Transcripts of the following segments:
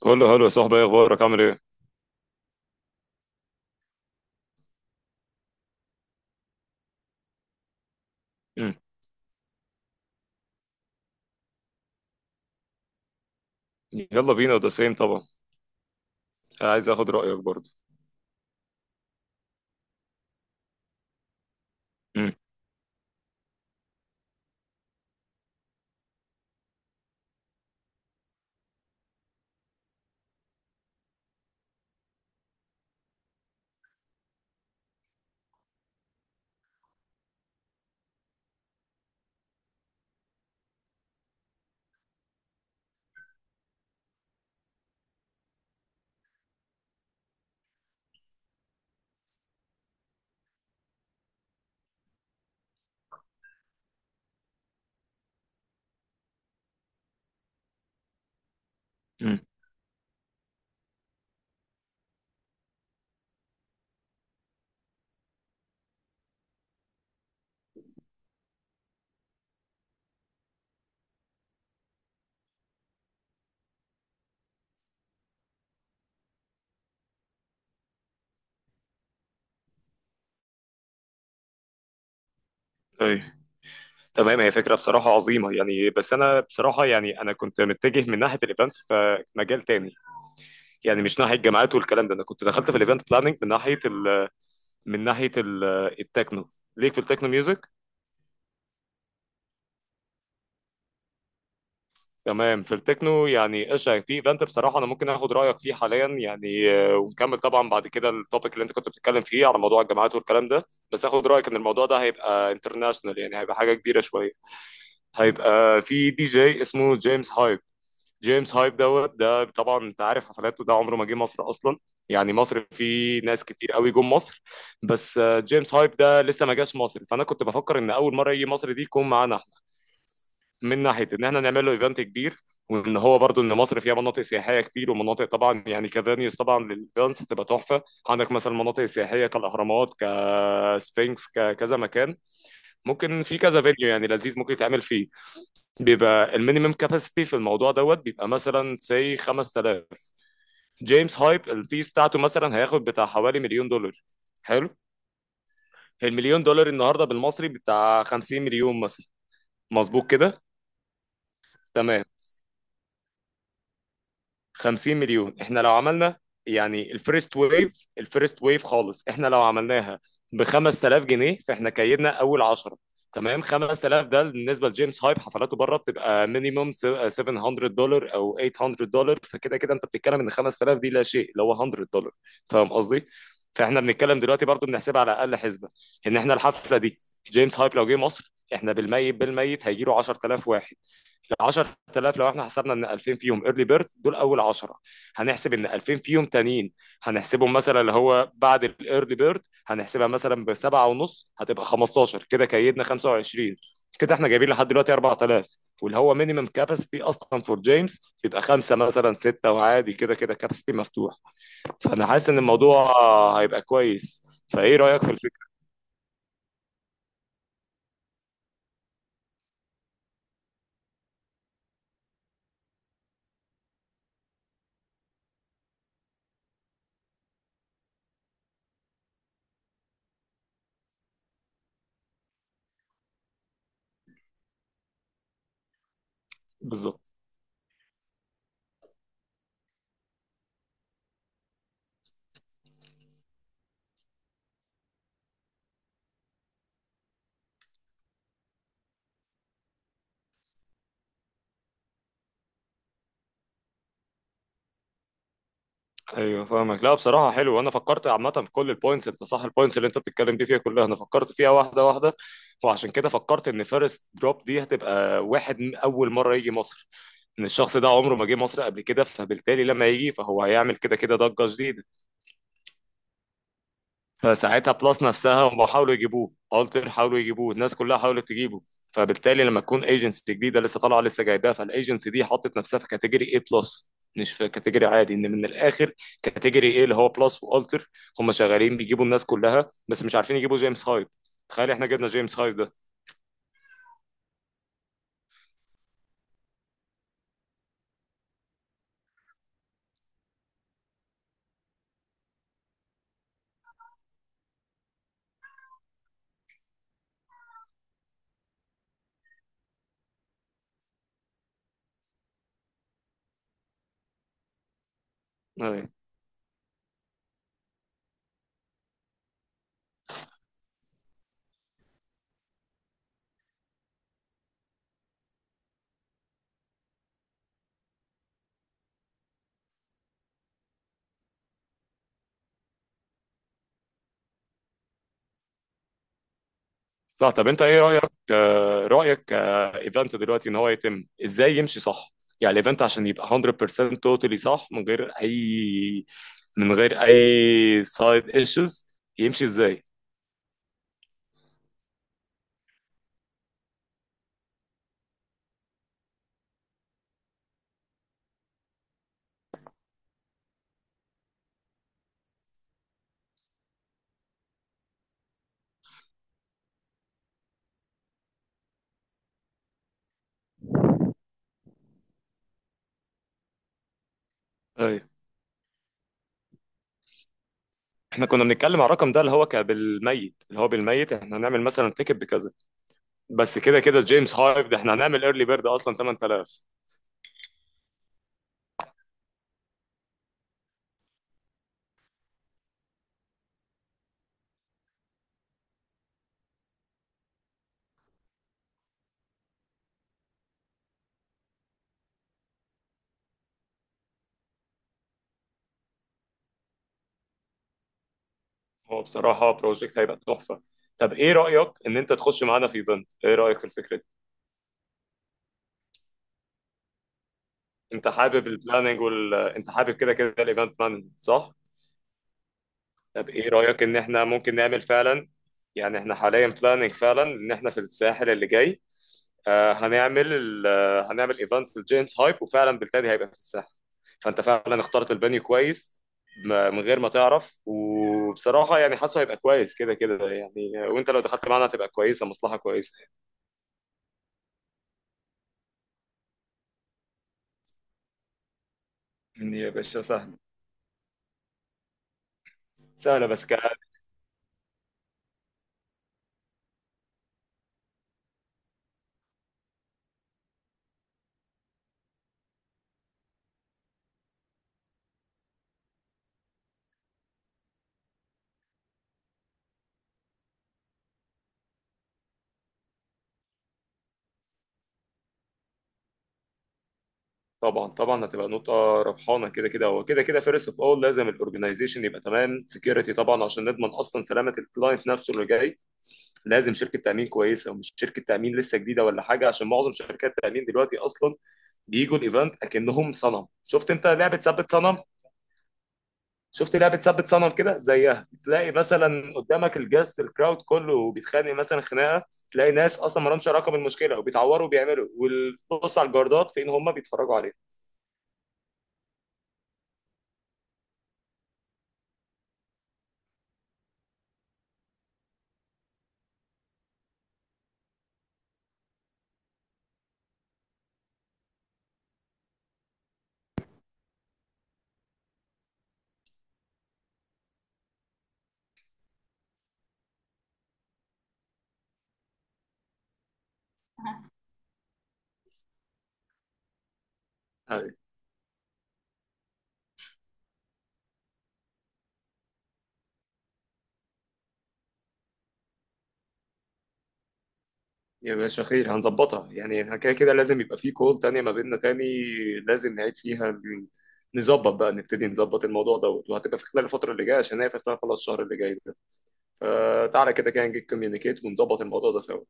كله حلو يا صاحبي، ايه اخبارك؟ عامل ايه؟ مم. يلا بينا، ده سيم طبعا. عايز اخد رايك برضه. مم. مم. اي، تمام. هي فكره بصراحه عظيمه يعني، بس انا بصراحه يعني انا كنت متجه من ناحيه الايفنتس فمجال تاني، يعني مش ناحيه الجامعات والكلام ده. انا كنت دخلت في الايفنت بلاننج من ناحيه ال التكنو، ليك في التكنو ميوزك. تمام، في التكنو. يعني ايش في ايفنت بصراحه انا ممكن اخد رايك فيه حاليا يعني، ونكمل طبعا بعد كده التوبيك اللي انت كنت بتتكلم فيه على موضوع الجامعات والكلام ده. بس اخد رايك، ان الموضوع ده هيبقى انترناشونال، يعني هيبقى حاجه كبيره شويه. هيبقى في دي جي اسمه جيمس هايب. جيمس هايب دوت، ده طبعا انت عارف حفلاته، ده عمره ما جه مصر اصلا. يعني مصر في ناس كتير قوي جم مصر. بس جيمس هايب ده لسه ما جاش مصر، فانا كنت بفكر ان اول مره يجي مصر دي يكون معانا، من ناحيه ان احنا نعمل له ايفنت كبير. وان هو برضو ان مصر فيها مناطق سياحيه كتير ومناطق طبعا، يعني كفانيوز طبعا للايفنتس هتبقى تحفه. عندك مثلا مناطق سياحيه كالاهرامات، كسفنكس، ككذا مكان. ممكن في كذا فيديو يعني لذيذ ممكن يتعمل فيه. بيبقى المينيمم كاباسيتي في الموضوع دوت بيبقى مثلا سي 5000. جيمس هايب الفيس بتاعته مثلا هياخد بتاع حوالي مليون دولار. حلو. المليون دولار النهارده بالمصري بتاع 50 مليون مثلا، مظبوط كده؟ تمام. 50 مليون احنا لو عملنا، يعني الفيرست ويف الفيرست ويف خالص، احنا لو عملناها ب 5000 جنيه فاحنا كيدنا اول 10. تمام. 5000 ده بالنسبه لجيمس هايب حفلاته بره بتبقى مينيموم 700 دولار او 800 دولار، فكده كده انت بتتكلم ان 5000 دي لا شيء، اللي هو 100 دولار. فاهم قصدي؟ فاحنا بنتكلم دلوقتي برضو بنحسبها على اقل حسبه، ان احنا الحفله دي، جيمس هايب لو جه مصر احنا بالميت بالميت هيجي له 10000 واحد. ال 10000 لو احنا حسبنا ان 2000 فيهم ايرلي بيرد دول اول 10، هنحسب ان 2000 فيهم تانيين هنحسبهم مثلا اللي هو بعد الايرلي بيرد هنحسبها مثلا بسبعة ونص هتبقى 15، كده كيدنا 25. كده احنا جايبين لحد دلوقتي 4000، واللي هو مينيمم كاباسيتي اصلا فور جيمس بيبقى خمسه مثلا سته، وعادي كده كده كاباسيتي مفتوح. فانا حاسس ان الموضوع هيبقى كويس. فايه رايك في الفكره؟ بالظبط. ايوه، فاهمك. لا بصراحه حلو، انا فكرت عامه في كل البوينتس، انت صح، البوينتس اللي انت بتتكلم دي فيها كلها انا فكرت فيها واحده واحده. وعشان كده فكرت ان فيرست دروب دي هتبقى واحد من اول مره يجي مصر، ان الشخص ده عمره ما جه مصر قبل كده، فبالتالي لما يجي فهو هيعمل كده كده ضجه جديده. فساعتها بلس نفسها هم حاولوا يجيبوه، التر حاولوا يجيبوه، الناس كلها حاولت تجيبه. فبالتالي لما تكون ايجنسي جديده لسه طالعه لسه جايباها، فالايجنسي دي حطت نفسها في كاتيجوري اي بلس، مش في كاتيجوري عادي، ان من الاخر كاتيجوري ايه اللي هو بلس والتر. هم شغالين بيجيبوا الناس كلها بس مش عارفين يجيبوا جيمس هايد. تخيل احنا جبنا جيمس هايد ده. صح. طب انت ايه رايك، رايك ايفنت دلوقتي ان هو يتم ازاي يمشي صح؟ يعني الايفنت عشان يبقى 100% توتالي صح، من غير اي سايد ايشوز، يمشي ازاي؟ ايوه. احنا كنا بنتكلم على الرقم ده اللي هو بالميت، اللي هو بالميت احنا هنعمل مثلا تيكت بكذا. بس كده كده جيمس هايب ده احنا هنعمل ايرلي بيرد اصلا 8000. هو بصراحه بروجكت هيبقى تحفه. طب ايه رايك ان انت تخش معانا في ايفنت؟ ايه رايك في الفكره؟ انت حابب البلاننج انت حابب كده كده الايفنت مانجمنت صح؟ طب ايه رايك ان احنا ممكن نعمل فعلا، يعني احنا حاليا بلاننج فعلا ان احنا في الساحل اللي جاي، آه هنعمل ال... آه، هنعمل ايفنت في الجيمس هايب، وفعلا بالتالي هيبقى في الساحل. فانت فعلا اخترت البانيو كويس، من غير ما تعرف. وبصراحه يعني حاسه هيبقى كويس كده كده يعني، وانت لو دخلت معانا هتبقى كويسه مصلحه كويسه. يا باشا سهل. سهله بس. طبعا طبعا هتبقى نقطة ربحانة كده كده. هو كده كده فيرست اوف اول لازم الاورجنايزيشن يبقى تمام، سكيورتي طبعا عشان نضمن اصلا سلامة الكلاينت نفسه اللي جاي. لازم شركة تأمين كويسة ومش شركة تأمين لسه جديدة ولا حاجة، عشان معظم شركات التأمين دلوقتي اصلا بيجوا الايفنت اكنهم صنم. شفت انت لعبة ثبت صنم؟ شفت لعبة ثبت صنم كده؟ زيها تلاقي مثلا قدامك الجاست، الكراود كله بيتخانق مثلا خناقة، تلاقي ناس اصلا ما لهمش علاقة بالمشكلة وبيتعوروا وبيعملوا. وبص على الجاردات فين هم بيتفرجوا عليها. يا باشا خير، هنظبطها. يعني احنا كده كده لازم يبقى في كول تانية ما بيننا تاني، لازم نعيد فيها نظبط بقى، نبتدي نظبط الموضوع دوت، وهتبقى في خلال الفترة اللي جاية، عشان هي في خلال خلاص الشهر اللي جاي ده. فتعالى كده كده نجيب كوميونيكيت ونظبط الموضوع ده سوا.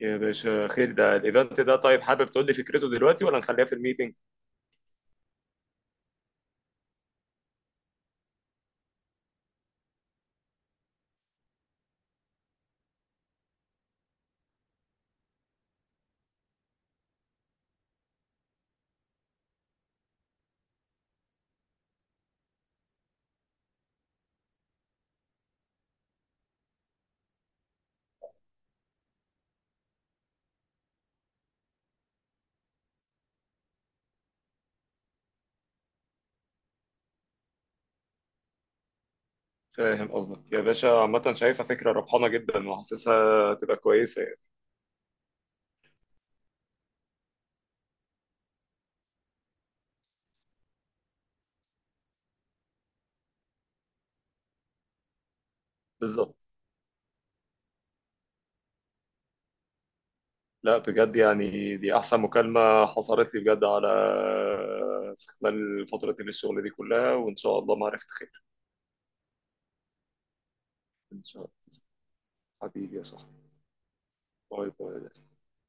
يا باشا خير، ده الايفنت ده طيب حابب تقول لي فكرته دلوقتي ولا نخليها في الميتنج؟ فاهم قصدك يا باشا، عامة شايفها فكرة ربحانة جدا، وحاسسها هتبقى كويسة يعني. بالظبط. لا بجد يعني، دي احسن مكالمة حصلت لي بجد على، في خلال فترة الشغل دي كلها. وان شاء الله معرفة خير. ان شاء الله. حبيبي يا صاحبي. باي باي.